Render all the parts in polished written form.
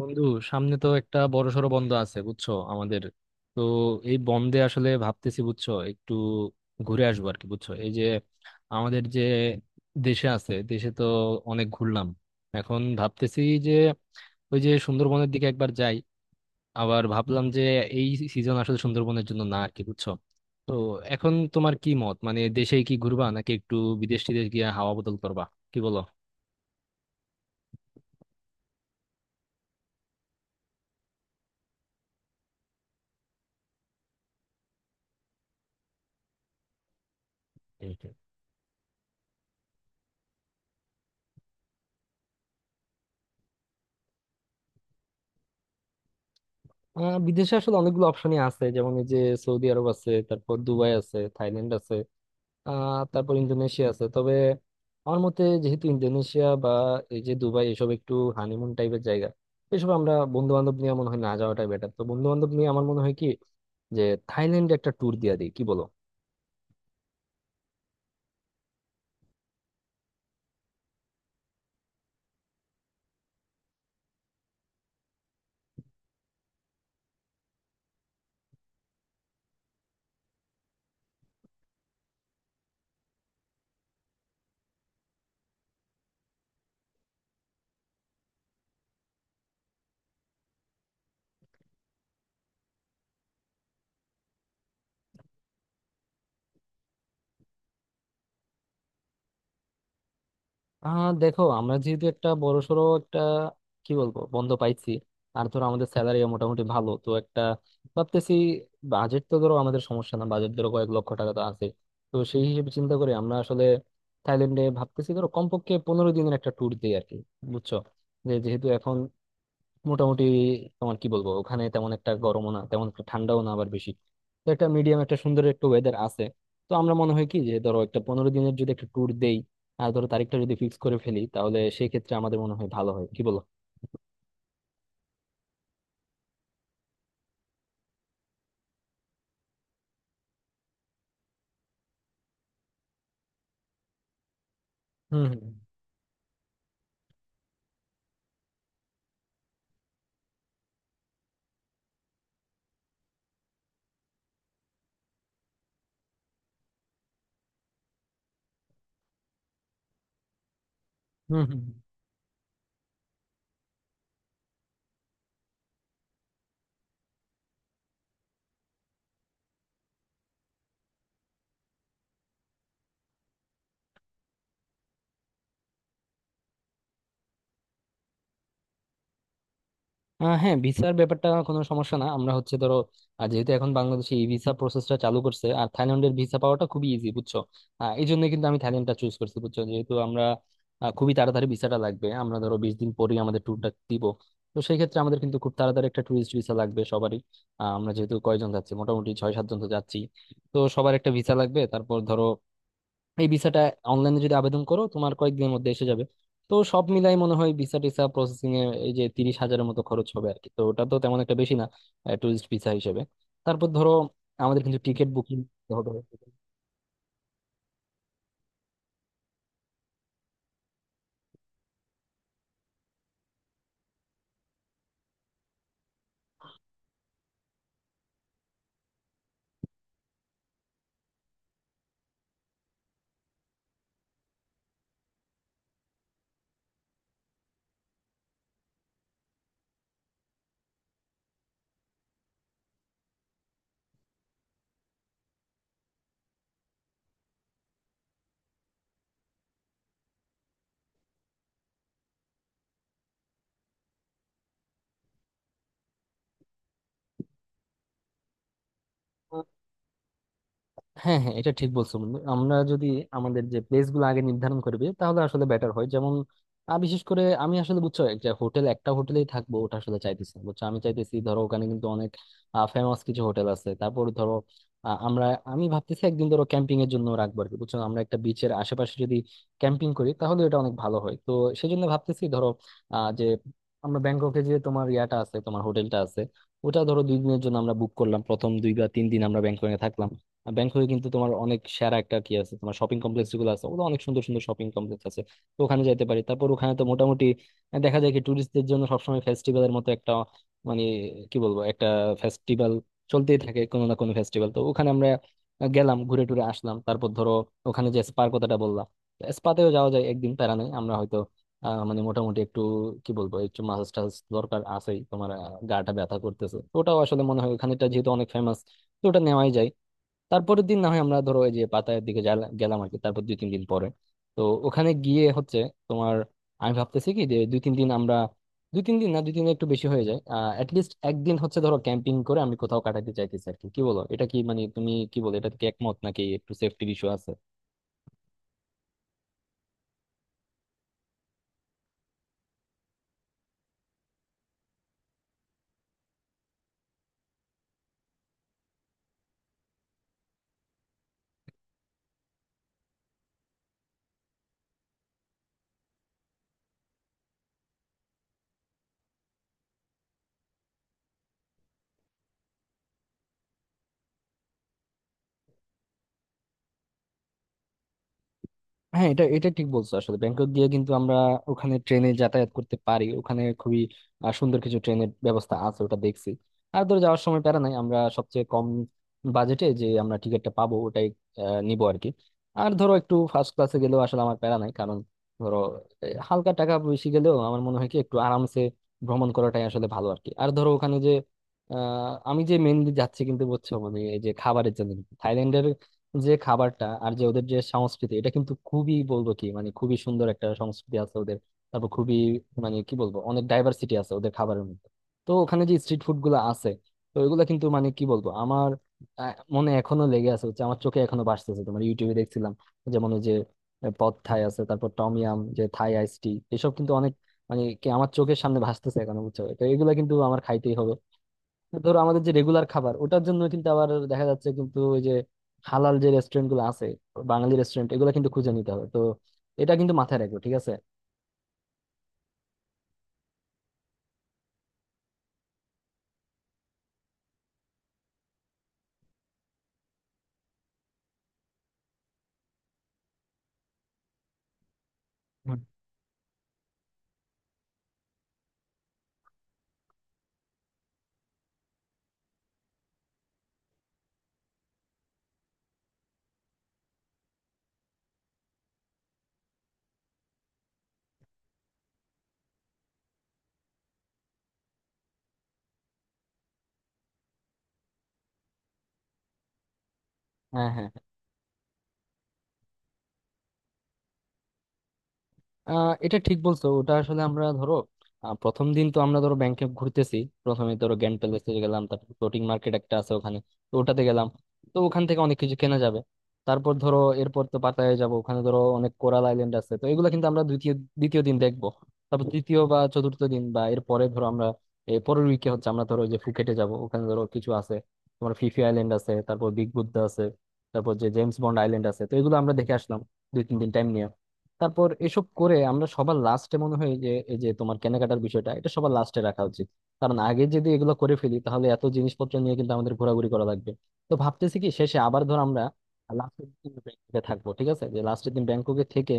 বন্ধু, সামনে তো একটা বড়সড় বন্ধ আছে বুঝছো আমাদের। তো এই বন্ধে আসলে ভাবতেছি বুঝছো একটু ঘুরে আসবো আর কি, বুঝছো এই যে আমাদের যে দেশে আছে, দেশে তো অনেক ঘুরলাম। এখন ভাবতেছি যে ওই যে সুন্দরবনের দিকে একবার যাই। আবার ভাবলাম যে এই সিজন আসলে সুন্দরবনের জন্য না আর কি, বুঝছো। তো এখন তোমার কি মত, মানে দেশে কি ঘুরবা নাকি একটু বিদেশ টিদেশ গিয়ে হাওয়া বদল করবা, কি বলো? বিদেশে আসলে অনেকগুলো অপশনই আছে, যেমন এই যে সৌদি আরব আছে, তারপর দুবাই আছে, থাইল্যান্ড আছে, তারপর ইন্দোনেশিয়া আছে। তবে আমার মতে, যেহেতু ইন্দোনেশিয়া বা এই যে দুবাই এসব একটু হানিমুন টাইপের জায়গা, এসব আমরা বন্ধু বান্ধব নিয়ে মনে হয় না যাওয়াটাই বেটার। তো বন্ধু বান্ধব নিয়ে আমার মনে হয় কি যে থাইল্যান্ডে একটা ট্যুর দিয়ে দিই, কি বলো? দেখো, আমরা যেহেতু একটা বড়সড় একটা কি বলবো বন্ধ পাইছি, আর ধরো আমাদের স্যালারি মোটামুটি ভালো, তো একটা ভাবতেছি, বাজেট তো ধরো আমাদের সমস্যা না, বাজেট ধরো কয়েক লক্ষ টাকা তো আছে। তো সেই হিসেবে চিন্তা করে আমরা আসলে থাইল্যান্ডে ভাবতেছি ধরো কমপক্ষে 15 দিনের একটা ট্যুর দিই আর কি, বুঝছো। যে যেহেতু এখন মোটামুটি, তোমার কি বলবো, ওখানে তেমন একটা গরমও না, তেমন একটা ঠান্ডাও না, আবার বেশি, তো একটা মিডিয়াম একটা সুন্দর একটু ওয়েদার আছে। তো আমরা মনে হয় কি, যে ধরো একটা 15 দিনের যদি একটা ট্যুর দেই আর ধরো তারিখটা যদি ফিক্স করে ফেলি, তাহলে সেই ক্ষেত্রে আমাদের মনে হয় ভালো হয়, কি বলো? হুম, হুম। হুম, হুম। হ্যাঁ, ভিসার ব্যাপারটা কোনো সমস্যা না। আমরা হচ্ছে ধরো, যেহেতু এখন বাংলাদেশে এই ভিসা প্রসেসটা চালু করছে আর থাইল্যান্ডের ভিসা পাওয়াটা খুবই ইজি, বুঝছো। এই জন্য কিন্তু আমি থাইল্যান্ডটা চুজ করছি, বুঝছো। যেহেতু আমরা খুবই তাড়াতাড়ি ভিসাটা লাগবে, আমরা ধরো 20 দিন পরেই আমাদের ট্যুরটা দিব। তো সেই ক্ষেত্রে আমাদের কিন্তু খুব তাড়াতাড়ি একটা ট্যুরিস্ট ভিসা লাগবে সবারই। আমরা যেহেতু কয়জন যাচ্ছি, মোটামুটি 6-7 জন তো যাচ্ছি, তো সবার একটা ভিসা লাগবে। তারপর ধরো এই ভিসাটা অনলাইনে যদি আবেদন করো, তোমার কয়েকদিনের মধ্যে এসে যাবে। তো সব মিলাই মনে হয় ভিসা টিসা প্রসেসিং এ এই যে 30,000-এর মতো খরচ হবে আর কি। তো ওটা তো তেমন একটা বেশি না, ট্যুরিস্ট ভিসা হিসেবে। তারপর ধরো আমাদের কিন্তু টিকিট বুকিং হবে। হ্যাঁ, হ্যাঁ, এটা ঠিক বলছো বন্ধু। আমরা যদি আমাদের যে প্লেস গুলো আগে নির্ধারণ করবে, তাহলে আসলে বেটার হয়। যেমন বিশেষ করে আমি আসলে, বুঝছো, একটা হোটেল, একটা হোটেলেই থাকবো ওটা আসলে চাইতেছি না, বুঝছো। আমি চাইতেছি, ধরো ওখানে কিন্তু অনেক ফেমাস কিছু হোটেল আছে। তারপর ধরো আহ, আমরা আমি ভাবতেছি একদিন ধরো ক্যাম্পিং এর জন্য রাখবো আর কি, বুঝছো। আমরা একটা বিচের আশেপাশে যদি ক্যাম্পিং করি, তাহলে এটা অনেক ভালো হয়। তো সেই জন্য ভাবতেছি, ধরো আহ যে আমরা ব্যাংককে যে তোমার ইয়াটা আছে, তোমার হোটেলটা আছে, ওটা ধরো 2 দিনের জন্য আমরা বুক করলাম। প্রথম 2 বা 3 দিন আমরা ব্যাংককে থাকলাম। আর ব্যাংককে কিন্তু তোমার অনেক সেরা একটা কি আছে তোমার শপিং কমপ্লেক্স, যেগুলো আছে ওগুলো অনেক সুন্দর সুন্দর শপিং কমপ্লেক্স আছে। তো ওখানে যেতে পারি। তারপর ওখানে তো মোটামুটি দেখা যায় কি ট্যুরিস্টদের জন্য সবসময় ফেস্টিভ্যালের মতো একটা, মানে কি বলবো, একটা ফেস্টিভ্যাল চলতেই থাকে, কোনো না কোনো ফেস্টিভ্যাল। তো ওখানে আমরা গেলাম, ঘুরে টুরে আসলাম। তারপর ধরো ওখানে যে স্পার কথাটা বললাম, স্পাতেও যাওয়া যায় একদিন। প্যারা নেই, আমরা হয়তো মানে মোটামুটি একটু, কি বলবো, একটু মাসাজ টাসাজ দরকার আছেই তোমার। গাটা ব্যথা করতেছে, তো ওটাও আসলে মনে হয়, ওখানেটা যেহেতু অনেক ফেমাস, তো ওটা নেওয়াই যায়। তারপরের দিন না হয় আমরা ধরো ওই যে পাতায়ের দিকে গেলাম আর কি। তারপর দুই তিন দিন পরে তো ওখানে গিয়ে হচ্ছে তোমার, আমি ভাবতেছি কি যে দুই তিন দিন আমরা, দুই তিন দিন একটু বেশি হয়ে যায়। অ্যাটলিস্ট একদিন হচ্ছে ধরো ক্যাম্পিং করে আমি কোথাও কাটাতে চাইতেছি আর কি। কি বলো, এটা কি, মানে তুমি কি বলো, এটা কি একমত নাকি একটু সেফটির ইস্যু আছে? হ্যাঁ, এটা এটা ঠিক বলছো। আসলে ব্যাংকক গিয়ে কিন্তু আমরা ওখানে ট্রেনে যাতায়াত করতে পারি। ওখানে খুবই সুন্দর কিছু ট্রেনের ব্যবস্থা আছে, ওটা দেখছি। আর ধরে যাওয়ার সময় প্যারা নাই, আমরা সবচেয়ে কম বাজেটে যে আমরা টিকিটটা পাবো, ওটাই নিবো আর কি। আর ধরো একটু ফার্স্ট ক্লাসে গেলেও আসলে আমার প্যারা নাই। কারণ ধরো হালকা টাকা বেশি গেলেও আমার মনে হয় কি একটু আরামসে ভ্রমণ করাটাই আসলে ভালো আর কি। আর ধরো ওখানে যে আমি যে মেনলি যাচ্ছি কিন্তু, বুঝছো, মানে এই যে খাবারের জন্য, যে খাবারটা আর যে ওদের যে সংস্কৃতি, এটা কিন্তু খুবই বলবো কি, মানে খুবই সুন্দর একটা সংস্কৃতি আছে ওদের। তারপর খুবই, মানে কি বলবো, অনেক ডাইভার্সিটি আছে ওদের খাবারের মধ্যে। তো ওখানে যে স্ট্রিট ফুড গুলো আছে, তো এগুলো কিন্তু, মানে কি বলবো, আমার মনে এখনো লেগে আছে, হচ্ছে আমার চোখে এখনো ভাসতেছে। তোমার ইউটিউবে দেখছিলাম যেমন ওই যে পদ থাই আছে, তারপর টমিয়াম, যে থাই আইস টি, এসব কিন্তু অনেক, মানে কি, আমার চোখের সামনে ভাসতেছে এখন, বুঝছো। তো এগুলো কিন্তু আমার খাইতেই হবে। ধরো আমাদের যে রেগুলার খাবার, ওটার জন্য কিন্তু আবার দেখা যাচ্ছে কিন্তু ওই যে হালাল যে রেস্টুরেন্ট গুলো আছে, বাঙালি রেস্টুরেন্ট, এগুলো কিন্তু খুঁজে নিতে হবে। তো এটা কিন্তু মাথায় রাখবো, ঠিক আছে। হুম। হ্যাঁ, হ্যাঁ। এটা ঠিক বলছো। ওটা আসলে আমরা ধরো প্রথম দিন তো আমরা ধরো ব্যাংকে ঘুরতেছি। প্রথমে ধরো গ্র্যান্ড প্যালেসে গেলাম, তারপর ফ্লোটিং মার্কেট একটা আছে ওখানে, তো ওটাতে গেলাম। তো ওখান থেকে অনেক কিছু কেনা যাবে। তারপর ধরো এরপর তো পাতায় যাব, ওখানে ধরো অনেক কোরাল আইল্যান্ড আছে, তো এগুলো কিন্তু আমরা দ্বিতীয় দ্বিতীয় দিন দেখবো। তারপর তৃতীয় বা চতুর্থ দিন বা এর পরে ধরো আমরা এর পরের উইকে হচ্ছে আমরা ধরো ওই যে ফুকেটে যাব। ওখানে ধরো কিছু আছে তোমার ফিফি আইল্যান্ড আছে, তারপর বিগ বুদ্ধা আছে, তারপর যে জেমস বন্ড আইল্যান্ড আছে, তো এগুলো আমরা দেখে আসলাম দুই তিন দিন টাইম নিয়ে। তারপর এসব করে আমরা সবার লাস্টে মনে হয় যে এই যে তোমার কেনাকাটার বিষয়টা, এটা সবার লাস্টে রাখা উচিত। কারণ আগে যদি এগুলো করে ফেলি, তাহলে এত জিনিসপত্র নিয়ে কিন্তু আমাদের ঘোরাঘুরি করা লাগবে। তো ভাবতেছি কি শেষে আবার ধর আমরা লাস্টের দিন ব্যাংককে থাকবো, ঠিক আছে, যে লাস্টের দিন ব্যাংককে থেকে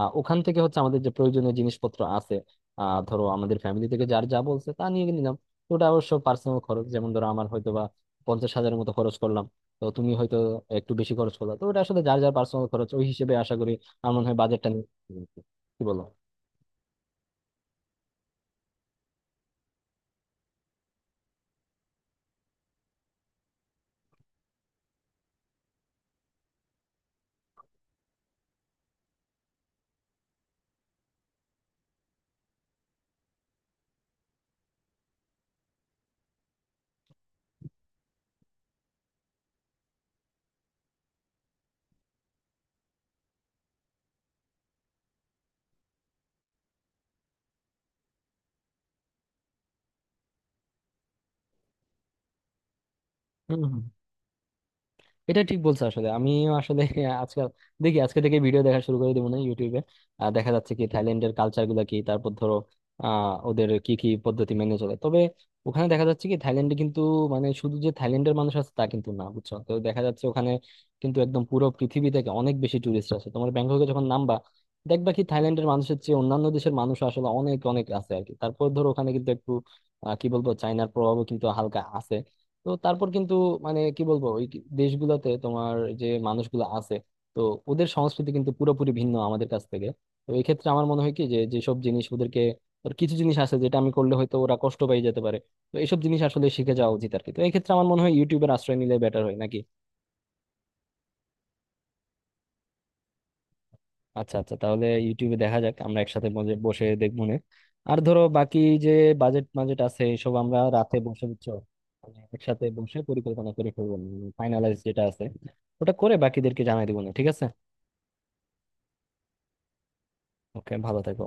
ওখান থেকে হচ্ছে আমাদের যে প্রয়োজনীয় জিনিসপত্র আছে, ধরো আমাদের ফ্যামিলি থেকে যার যা বলছে তা নিয়ে নিলাম। তো ওটা অবশ্য পার্সোনাল খরচ। যেমন ধরো আমার হয়তো বা 50,000-এর মতো খরচ করলাম, তো তুমি হয়তো একটু বেশি খরচ করলা, তো ওটা আসলে যার যার পার্সোনাল খরচ। ওই হিসেবে আশা করি আমার মনে হয় বাজেটটা কিন্তু, কি বলো? হম, হম। এটা ঠিক বলছো। আসলে আমিও আসলে আজকাল দেখি, আজকে থেকে ভিডিও দেখা শুরু করে দেবো না ইউটিউবে। দেখা যাচ্ছে কি থাইল্যান্ডের কালচার গুলা কি, তারপর ধরো ওদের কি কি পদ্ধতি মেনে চলে। তবে ওখানে দেখা যাচ্ছে কি থাইল্যান্ডে কিন্তু, মানে শুধু যে থাইল্যান্ডের মানুষ আছে তা কিন্তু না, বুঝছো। তো দেখা যাচ্ছে ওখানে কিন্তু একদম পুরো পৃথিবী থেকে অনেক বেশি টুরিস্ট আছে। তোমার ব্যাংককে যখন নামবা, দেখবা কি থাইল্যান্ডের মানুষের চেয়ে অন্যান্য দেশের মানুষ আসলে অনেক অনেক আছে আর কি। তারপর ধরো ওখানে কিন্তু একটু কি বলবো চাইনার প্রভাবও কিন্তু হালকা আছে। তো তারপর কিন্তু, মানে কি বলবো, ওই দেশগুলোতে তোমার যে মানুষগুলো আছে, তো ওদের সংস্কৃতি কিন্তু পুরোপুরি ভিন্ন আমাদের কাছ থেকে। তো এই ক্ষেত্রে আমার মনে হয় কি যে যেসব জিনিস ওদেরকে, ওর কিছু জিনিস আছে যেটা আমি করলে হয়তো ওরা কষ্ট পেয়ে যেতে পারে, তো এইসব জিনিস আসলে শিখে যাওয়া উচিত আর কি। তো এই ক্ষেত্রে আমার মনে হয় ইউটিউবের আশ্রয় নিলে বেটার হয় নাকি। আচ্ছা আচ্ছা, তাহলে ইউটিউবে দেখা যাক, আমরা একসাথে বসে বসে দেখবো নে। আর ধরো বাকি যে বাজেট বাজেট আছে, এসব আমরা রাতে বসে, বুঝছো, মানে একসাথে বসে পরিকল্পনা করে ফেলবো। ফাইনালাইজ যেটা আছে ওটা করে বাকিদেরকে জানাই দিব, না? ঠিক আছে। ওকে, ভালো থেকো।